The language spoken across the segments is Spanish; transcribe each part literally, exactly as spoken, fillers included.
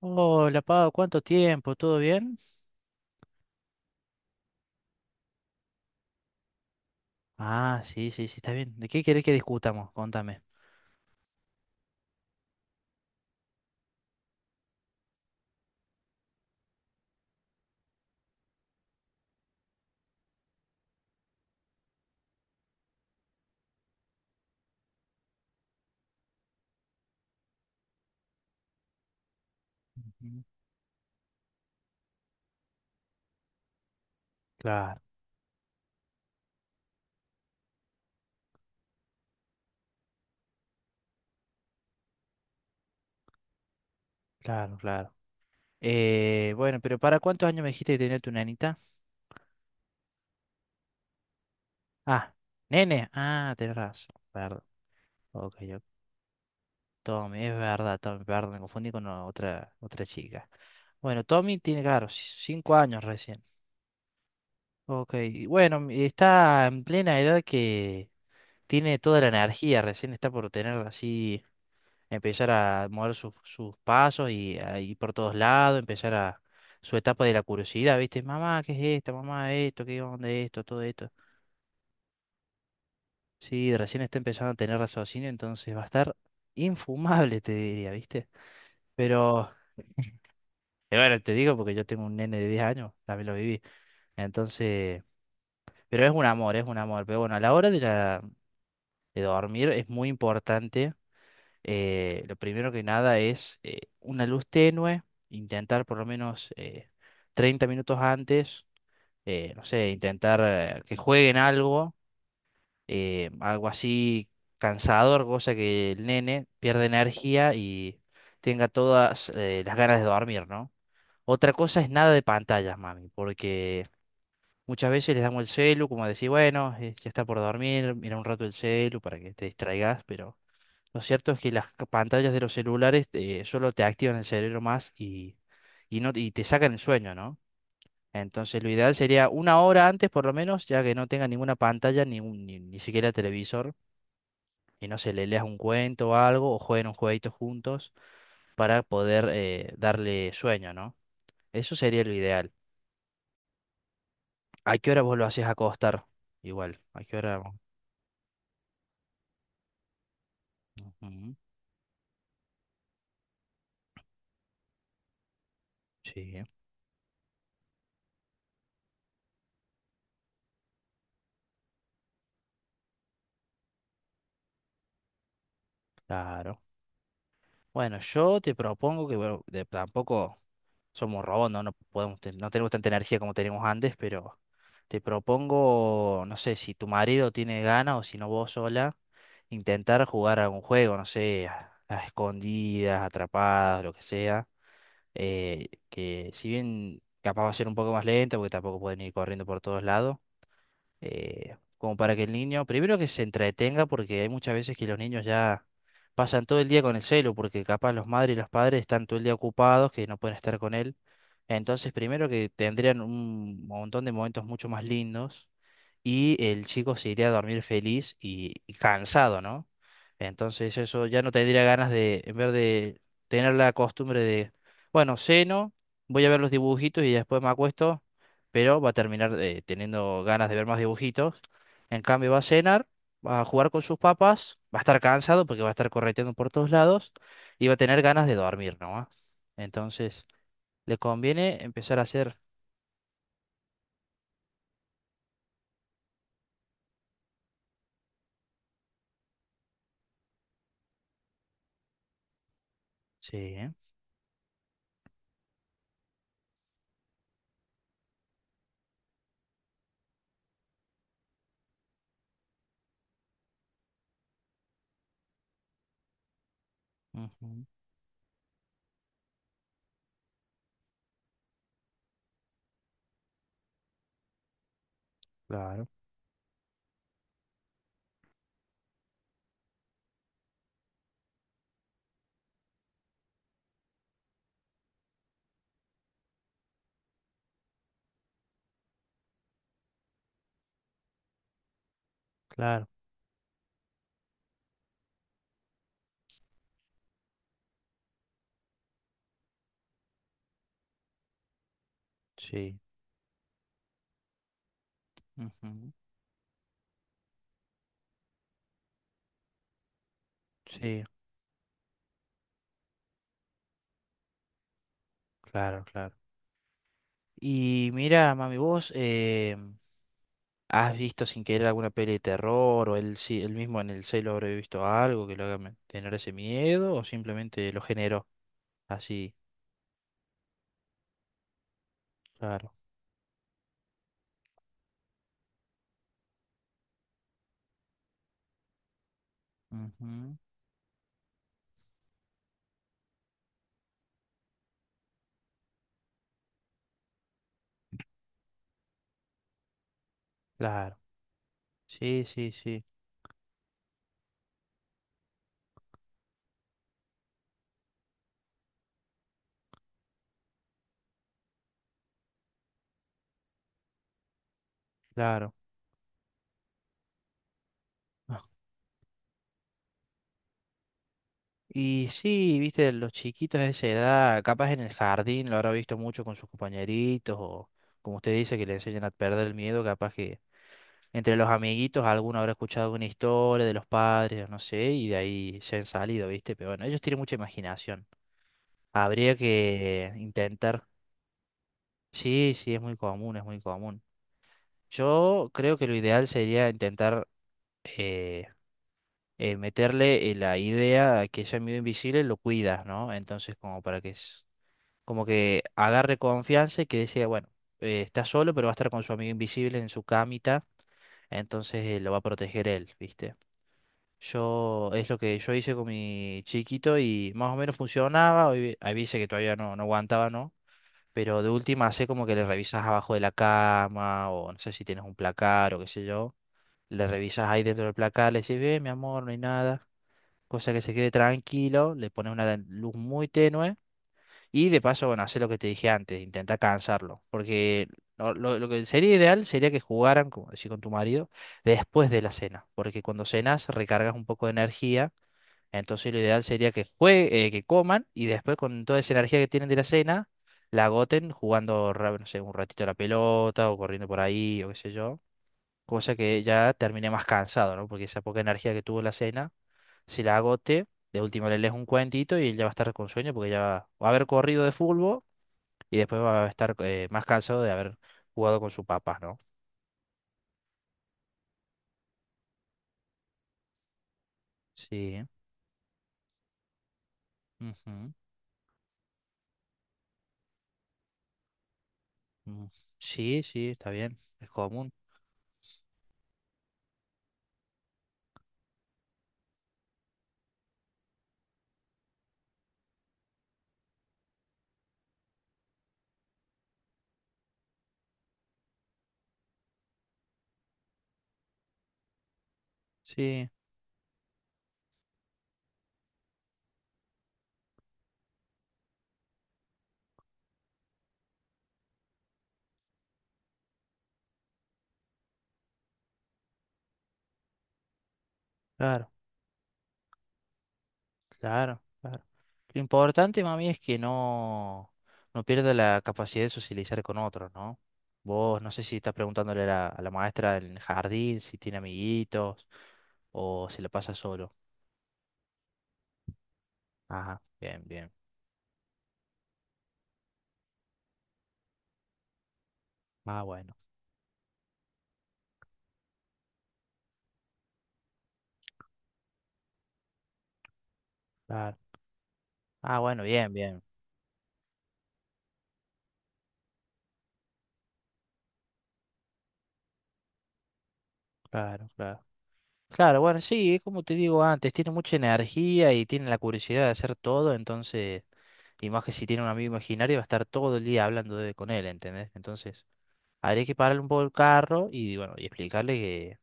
Hola, Pau, ¿cuánto tiempo? ¿Todo bien? Ah, sí, sí, sí, está bien. ¿De qué querés que discutamos? Contame. Ujú. Claro, claro, claro. Eh, bueno, pero ¿para cuántos años me dijiste que tenía tu nenita? Ah, nene. Ah, tenés razón. Perdón. Ok, yo. Tommy, es verdad, Tommy, perdón, me confundí con o- otra, otra chica. Bueno, Tommy tiene, claro, ci- cinco años recién. Ok, y bueno, está en plena edad que tiene toda la energía, recién está por tener así, empezar a mover sus, sus pasos y a ir por todos lados, empezar a su etapa de la curiosidad, ¿viste? Mamá, ¿qué es esto? Mamá, esto, ¿qué onda esto? Todo esto. Sí, recién está empezando a tener raciocinio, entonces va a estar infumable, te diría, ¿viste? Pero, eh, bueno, te digo porque yo tengo un nene de diez años, también lo viví. Entonces, pero es un amor, es un amor. Pero bueno, a la hora de la, de dormir es muy importante, eh, lo primero que nada es eh, una luz tenue, intentar por lo menos eh, treinta minutos antes, eh, no sé, intentar eh, que jueguen algo, eh, algo así cansador, cosa que el nene pierda energía y tenga todas eh, las ganas de dormir, ¿no? Otra cosa es nada de pantallas, mami, porque muchas veces les damos el celu, como decir, bueno, eh, ya está por dormir, mira un rato el celu para que te distraigas, pero... Lo cierto es que las ca- pantallas de los celulares eh, solo te activan el cerebro más y, y, no, y te sacan el sueño, ¿no? Entonces lo ideal sería una hora antes por lo menos, ya que no tenga ninguna pantalla, ni, un- ni, ni siquiera televisor, y no sé, le leas un cuento o algo, o jueguen un jueguito juntos para poder eh, darle sueño, ¿no? Eso sería lo ideal. ¿A qué hora vos lo haces acostar? Igual, ¿a qué hora? Ujú, sí, claro. Bueno, yo te propongo que, bueno, de- tampoco... somos robots, ¿no? No podemos, ten- no tenemos tanta energía como teníamos antes, pero te propongo, no sé, si tu marido tiene ganas o si no vos sola, intentar jugar algún juego, no sé, a a escondidas, atrapadas, lo que sea, eh, que si bien capaz va a ser un poco más lento, porque tampoco pueden ir corriendo por todos lados, eh, como para que el niño, primero que se entretenga, porque hay muchas veces que los niños ya pasan todo el día con el celu, porque capaz los madres y los padres están todo el día ocupados, que no pueden estar con él. Entonces, primero que tendrían un montón de momentos mucho más lindos y el chico se iría a dormir feliz y, y cansado, ¿no? Entonces eso ya no tendría ganas de, en vez de tener la costumbre de, bueno, ceno, voy a ver los dibujitos y después me acuesto, pero va a terminar eh, teniendo ganas de ver más dibujitos. En cambio va a cenar, va a jugar con sus papás, va a estar cansado porque va a estar correteando por todos lados y va a tener ganas de dormir, ¿no? Entonces le conviene empezar a hacer... Sí, ¿eh? Ujú. Claro, claro, sí. Ujú. Sí, claro, claro. Y mira, mami, vos eh, has visto sin querer alguna peli de terror o él, sí- él mismo en el celo habré visto algo que lo haga me- tener ese miedo o simplemente lo generó así, claro. Ujú. Claro, sí, sí, sí, claro. Ah. Y sí, viste, los chiquitos de esa edad, capaz en el jardín lo habrá visto mucho con sus compañeritos o como usted dice que le enseñan a perder el miedo, capaz que entre los amiguitos, alguno habrá escuchado una historia de los padres, no sé, y de ahí se han salido, ¿viste? Pero bueno, ellos tienen mucha imaginación. Habría que intentar. Sí, sí, es muy común, es muy común. Yo creo que lo ideal sería intentar eh, eh, meterle eh, la idea a que ese amigo invisible lo cuidas, ¿no? Entonces, como para que es, como que agarre confianza y que decía, bueno, eh, está solo, pero va a estar con su amigo invisible en su camita, entonces eh, lo va a proteger él, ¿viste? Yo, es lo que yo hice con mi chiquito y más o menos funcionaba. Hoy hay veces que todavía no, no aguantaba, ¿no? Pero de última hace como que le revisas abajo de la cama o no sé si tienes un placar o qué sé yo. Le revisas ahí dentro del placar, le decís, ve, mi amor, no hay nada. Cosa que se quede tranquilo, le pones una luz muy tenue y de paso, bueno, hace lo que te dije antes, intenta cansarlo. Porque lo, lo- lo que sería ideal sería que jugaran, como decía con tu marido, después de la cena. Porque cuando cenas recargas un poco de energía, entonces lo ideal sería que jue- eh, que coman y después con toda esa energía que tienen de la cena, la agoten jugando, ra- no sé, un ratito a la pelota o corriendo por ahí o qué sé yo. Cosa que ya termine más cansado, ¿no? Porque esa poca energía que tuvo la cena, si la agote, de última le lees un cuentito y él ya va a estar con sueño porque ya va va a haber corrido de fútbol y después va a estar eh, más cansado de haber jugado con su papá, ¿no? Sí. Ujú. Mm. Sí, sí, está bien. Es común. Sí, claro, claro, claro. Lo importante, mami, es que no, no pierda la capacidad de socializar con otros, ¿no? Vos, no sé si estás preguntándole a la, a la maestra en el jardín si tiene amiguitos o si la pasa solo. Ajá, bien, bien. Ah, bueno, claro. Ah, bueno, bien, bien. Claro, claro. Claro, bueno, sí, es como te digo antes, tiene mucha energía y tiene la curiosidad de hacer todo, entonces, y más que si tiene un amigo imaginario, va a estar todo el día hablando de, con él, ¿entendés? Entonces, habría que pararle un poco el carro y, bueno, y explicarle que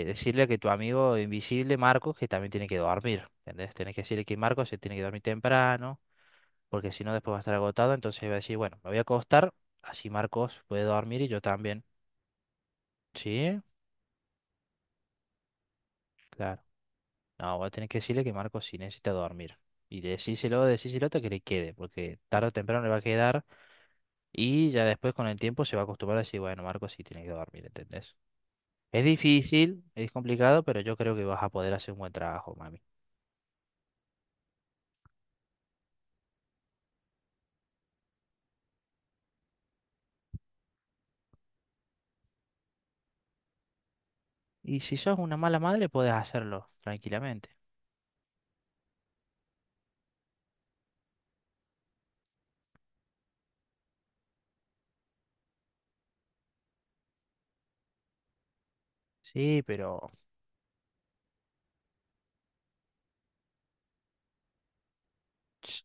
eh, decirle que tu amigo invisible, Marcos, que también tiene que dormir, ¿entendés? Tenés que decirle que Marcos se tiene que dormir temprano, porque si no después va a estar agotado, entonces va a decir, bueno, me voy a acostar, así Marcos puede dormir y yo también. ¿Sí? Claro. No, voy a tener que decirle que Marcos sí necesita dormir. Y decíselo, decíselo hasta que le quede, porque tarde o temprano le va a quedar y ya después con el tiempo se va a acostumbrar a decir, bueno, Marcos sí tiene que dormir, ¿entendés? Es difícil, es complicado, pero yo creo que vas a poder hacer un buen trabajo, mami. Y si sos una mala madre, podés hacerlo tranquilamente. Sí, pero, ch-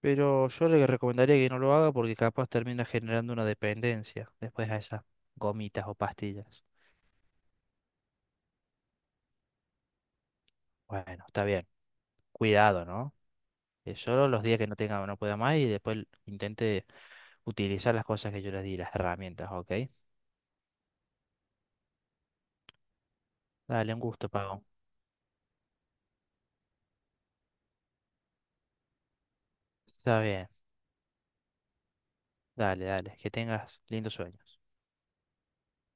pero yo le recomendaría que no lo haga porque capaz termina generando una dependencia después a esas gomitas o pastillas. Bueno, está bien. Cuidado, ¿no? Eh, Solo los días que no tenga, no pueda más y después intente utilizar las cosas que yo les di, las herramientas, ¿ok? Dale, un gusto, Pago. Está bien. Dale, dale. Que tengas lindos sueños.